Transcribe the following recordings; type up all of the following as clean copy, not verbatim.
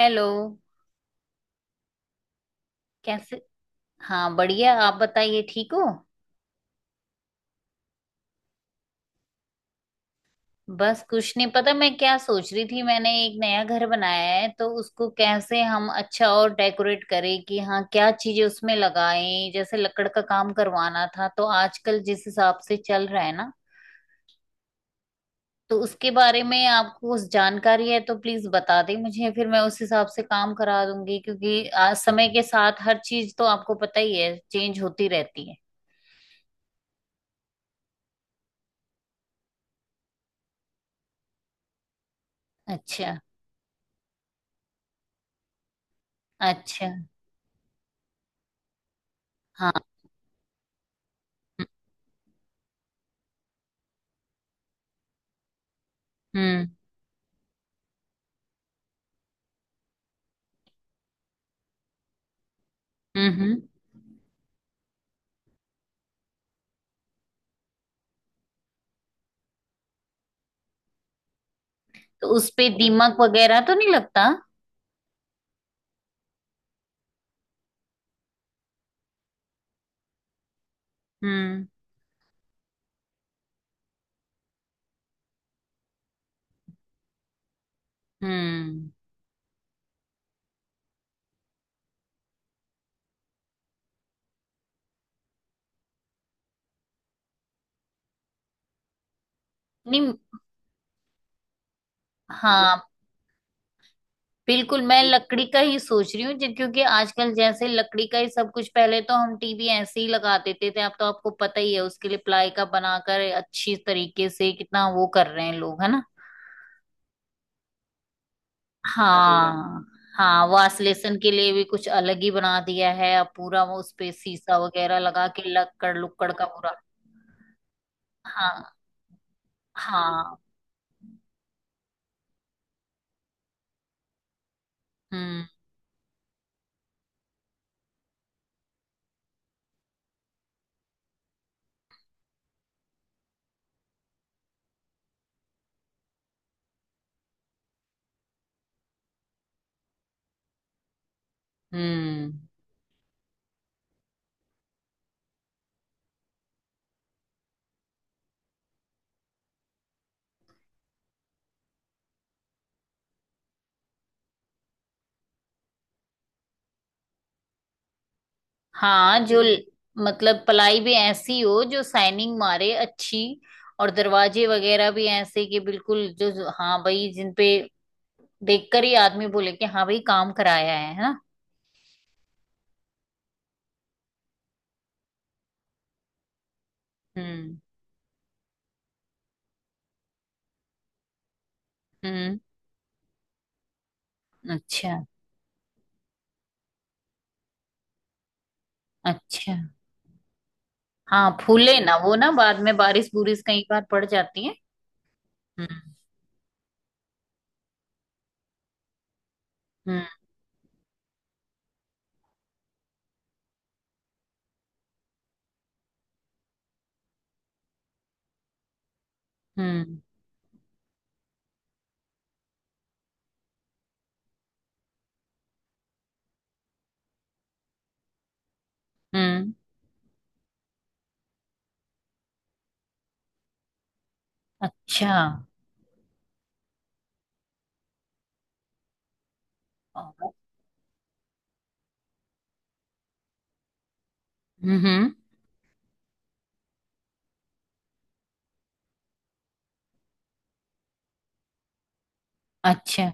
Hello. कैसे? हाँ, बढ़िया। आप बताइए, ठीक हो। बस, कुछ नहीं, पता मैं क्या सोच रही थी। मैंने एक नया घर बनाया है, तो उसको कैसे हम अच्छा और डेकोरेट करें कि हाँ क्या चीजें उसमें लगाएं। जैसे लकड़ का काम करवाना था, तो आजकल जिस हिसाब से चल रहा है ना, तो उसके बारे में आपको उस जानकारी है तो प्लीज बता दें मुझे, फिर मैं उस हिसाब से काम करा दूंगी। क्योंकि आज समय के साथ हर चीज तो आपको पता ही है, चेंज होती रहती है। अच्छा। अच्छा। हाँ। हम्म। हम्म। हम्म। तो उस पे दीमक वगैरह तो नहीं लगता? हम्म। हम्म। नहीं। हाँ, बिल्कुल मैं लकड़ी का ही सोच रही हूँ क्योंकि आजकल जैसे लकड़ी का ही सब कुछ। पहले तो हम टीवी ऐसे ही लगा देते थे, अब तो आपको पता ही है उसके लिए प्लाई का बनाकर अच्छी तरीके से कितना वो कर रहे हैं लोग, है ना। हाँ। हाँ, वासलेशन के लिए भी कुछ अलग ही बना दिया है अब, पूरा वो उस पे शीशा वगैरह लगा के लक्कड़ लुक्कड़ का पूरा। हाँ। हाँ। हम्म। हम्म। हाँ, मतलब पलाई भी ऐसी हो जो साइनिंग मारे अच्छी। और दरवाजे वगैरह भी ऐसे कि बिल्कुल जो जो- हाँ भाई, जिन पे देखकर ही आदमी बोले कि हाँ भाई काम कराया है ना। हम्म। हम्म। अच्छा। अच्छा। हाँ, फूले ना वो ना बाद में बारिश बुरिश कई बार पड़ जाती है। हम्म। हम्म। हम्म। हम्म। अच्छा। हम्म। हम्म, अच्छा।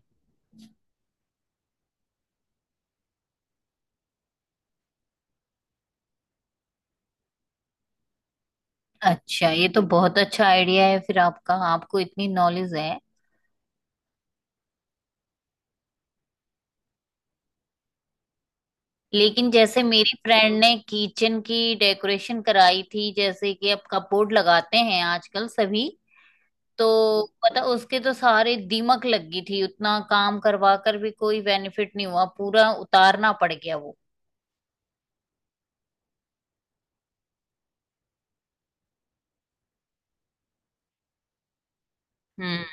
अच्छा ये तो बहुत अच्छा आइडिया है, फिर आपका आपको इतनी नॉलेज है। लेकिन जैसे मेरी फ्रेंड ने किचन की डेकोरेशन कराई थी, जैसे कि अब कपबोर्ड लगाते हैं आजकल सभी, तो पता उसके तो सारे दीमक लग गई थी, उतना काम करवा कर भी कोई बेनिफिट नहीं हुआ, पूरा उतारना पड़ गया वो। हम्म।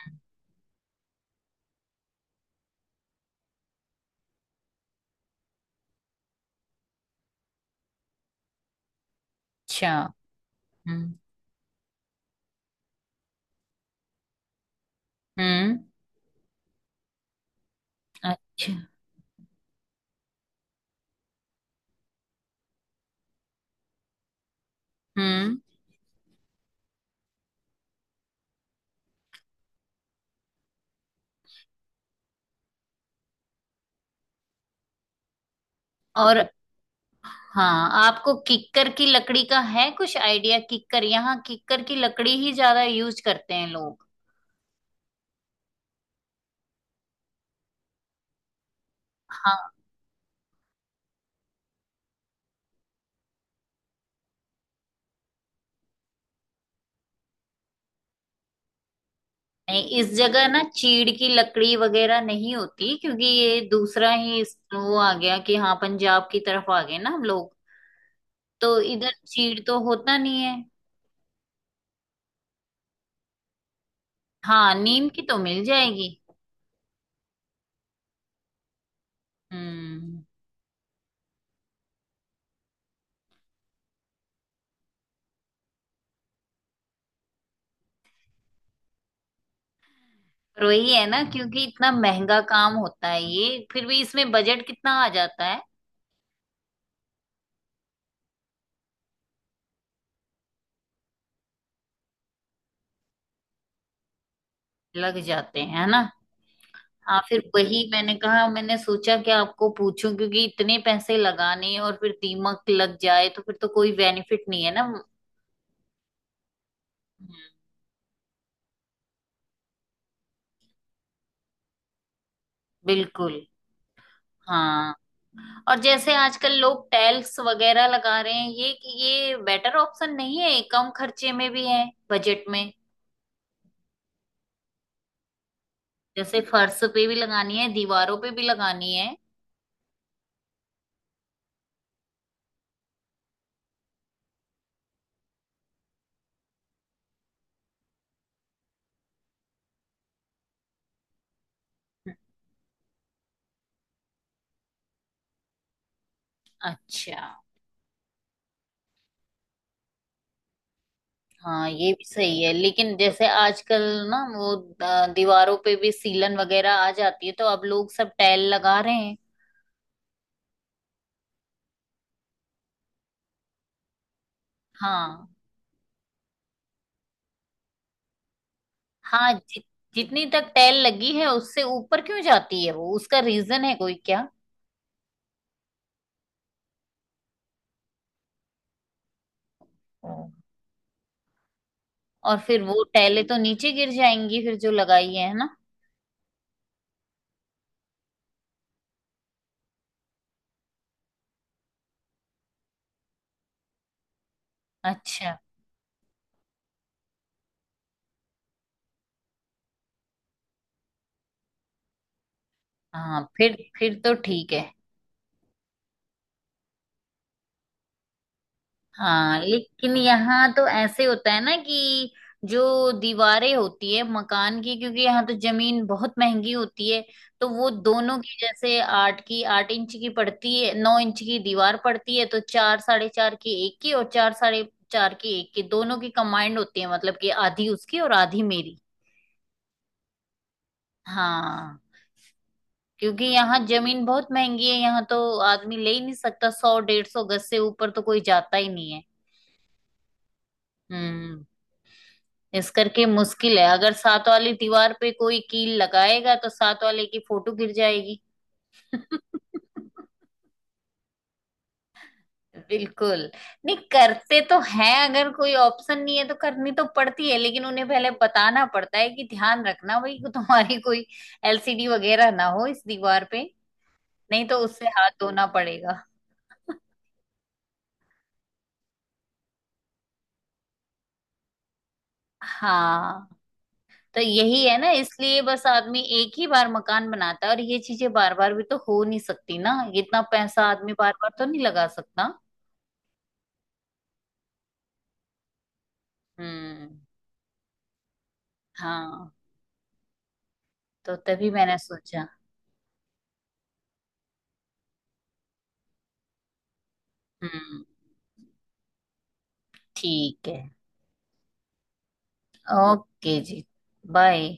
अच्छा। हम्म। हम्म। अच्छा। हम्म। और हाँ, आपको किक्कर की लकड़ी का है कुछ आइडिया? किक्कर, यहाँ किक्कर की लकड़ी ही ज्यादा यूज करते हैं लोग। हाँ। नहीं, इस जगह ना चीड़ की लकड़ी वगैरह नहीं होती, क्योंकि ये दूसरा ही वो आ गया कि हाँ पंजाब की तरफ आ गए ना हम लोग, तो इधर चीड़ तो होता नहीं है। हाँ, नीम की तो मिल जाएगी। हम्म। पर वही है ना, क्योंकि इतना महंगा काम होता है ये, फिर भी इसमें बजट कितना आ जाता है? लग जाते हैं है ना। हाँ, फिर वही मैंने कहा, मैंने सोचा कि आपको पूछूं, क्योंकि इतने पैसे लगाने और फिर दीमक लग जाए तो फिर तो कोई बेनिफिट नहीं है ना। हम्म। बिल्कुल। हाँ। और जैसे आजकल लोग टैल्स वगैरह लगा रहे हैं ये बेटर ऑप्शन नहीं है? कम खर्चे में भी है, बजट में। जैसे फर्श पे भी लगानी है, दीवारों पे भी लगानी है। अच्छा। हाँ, ये भी सही है, लेकिन जैसे आजकल ना वो दीवारों पे भी सीलन वगैरह आ जाती है, तो अब लोग सब टैल लगा रहे हैं। हाँ। हाँ, जितनी तक टैल लगी है उससे ऊपर क्यों जाती है वो, उसका रीजन है कोई क्या? और फिर वो टाइलें तो नीचे गिर जाएंगी फिर, जो लगाई है ना। अच्छा। हाँ, फिर तो ठीक है। हाँ लेकिन यहाँ तो ऐसे होता है ना कि जो दीवारें होती है मकान की, क्योंकि यहाँ तो जमीन बहुत महंगी होती है, तो वो दोनों की जैसे आठ की 8 इंच की पड़ती है, 9 इंच की दीवार पड़ती है, तो चार साढ़े चार की एक की और चार साढ़े चार की एक की, दोनों की कंबाइंड होती है, मतलब कि आधी उसकी और आधी मेरी। हाँ। क्योंकि यहाँ जमीन बहुत महंगी है, यहाँ तो आदमी ले ही नहीं सकता, सौ डेढ़ सौ गज से ऊपर तो कोई जाता ही नहीं है। हम्म। इस करके मुश्किल है, अगर सात वाली दीवार पे कोई कील लगाएगा तो सात वाले की फोटो गिर जाएगी। बिल्कुल, नहीं करते तो हैं, अगर कोई ऑप्शन नहीं है तो करनी तो पड़ती है, लेकिन उन्हें पहले बताना पड़ता है कि ध्यान रखना भाई कि तुम्हारी कोई एलसीडी वगैरह ना हो इस दीवार पे, नहीं तो उससे हाथ धोना पड़ेगा। हाँ, तो यही है ना, इसलिए बस आदमी एक ही बार मकान बनाता है, और ये चीजें बार बार भी तो हो नहीं सकती ना, इतना पैसा आदमी बार बार तो नहीं लगा सकता। हम्म। हाँ, तो तभी मैंने सोचा। हम्म। ठीक है। ओके जी। बाय।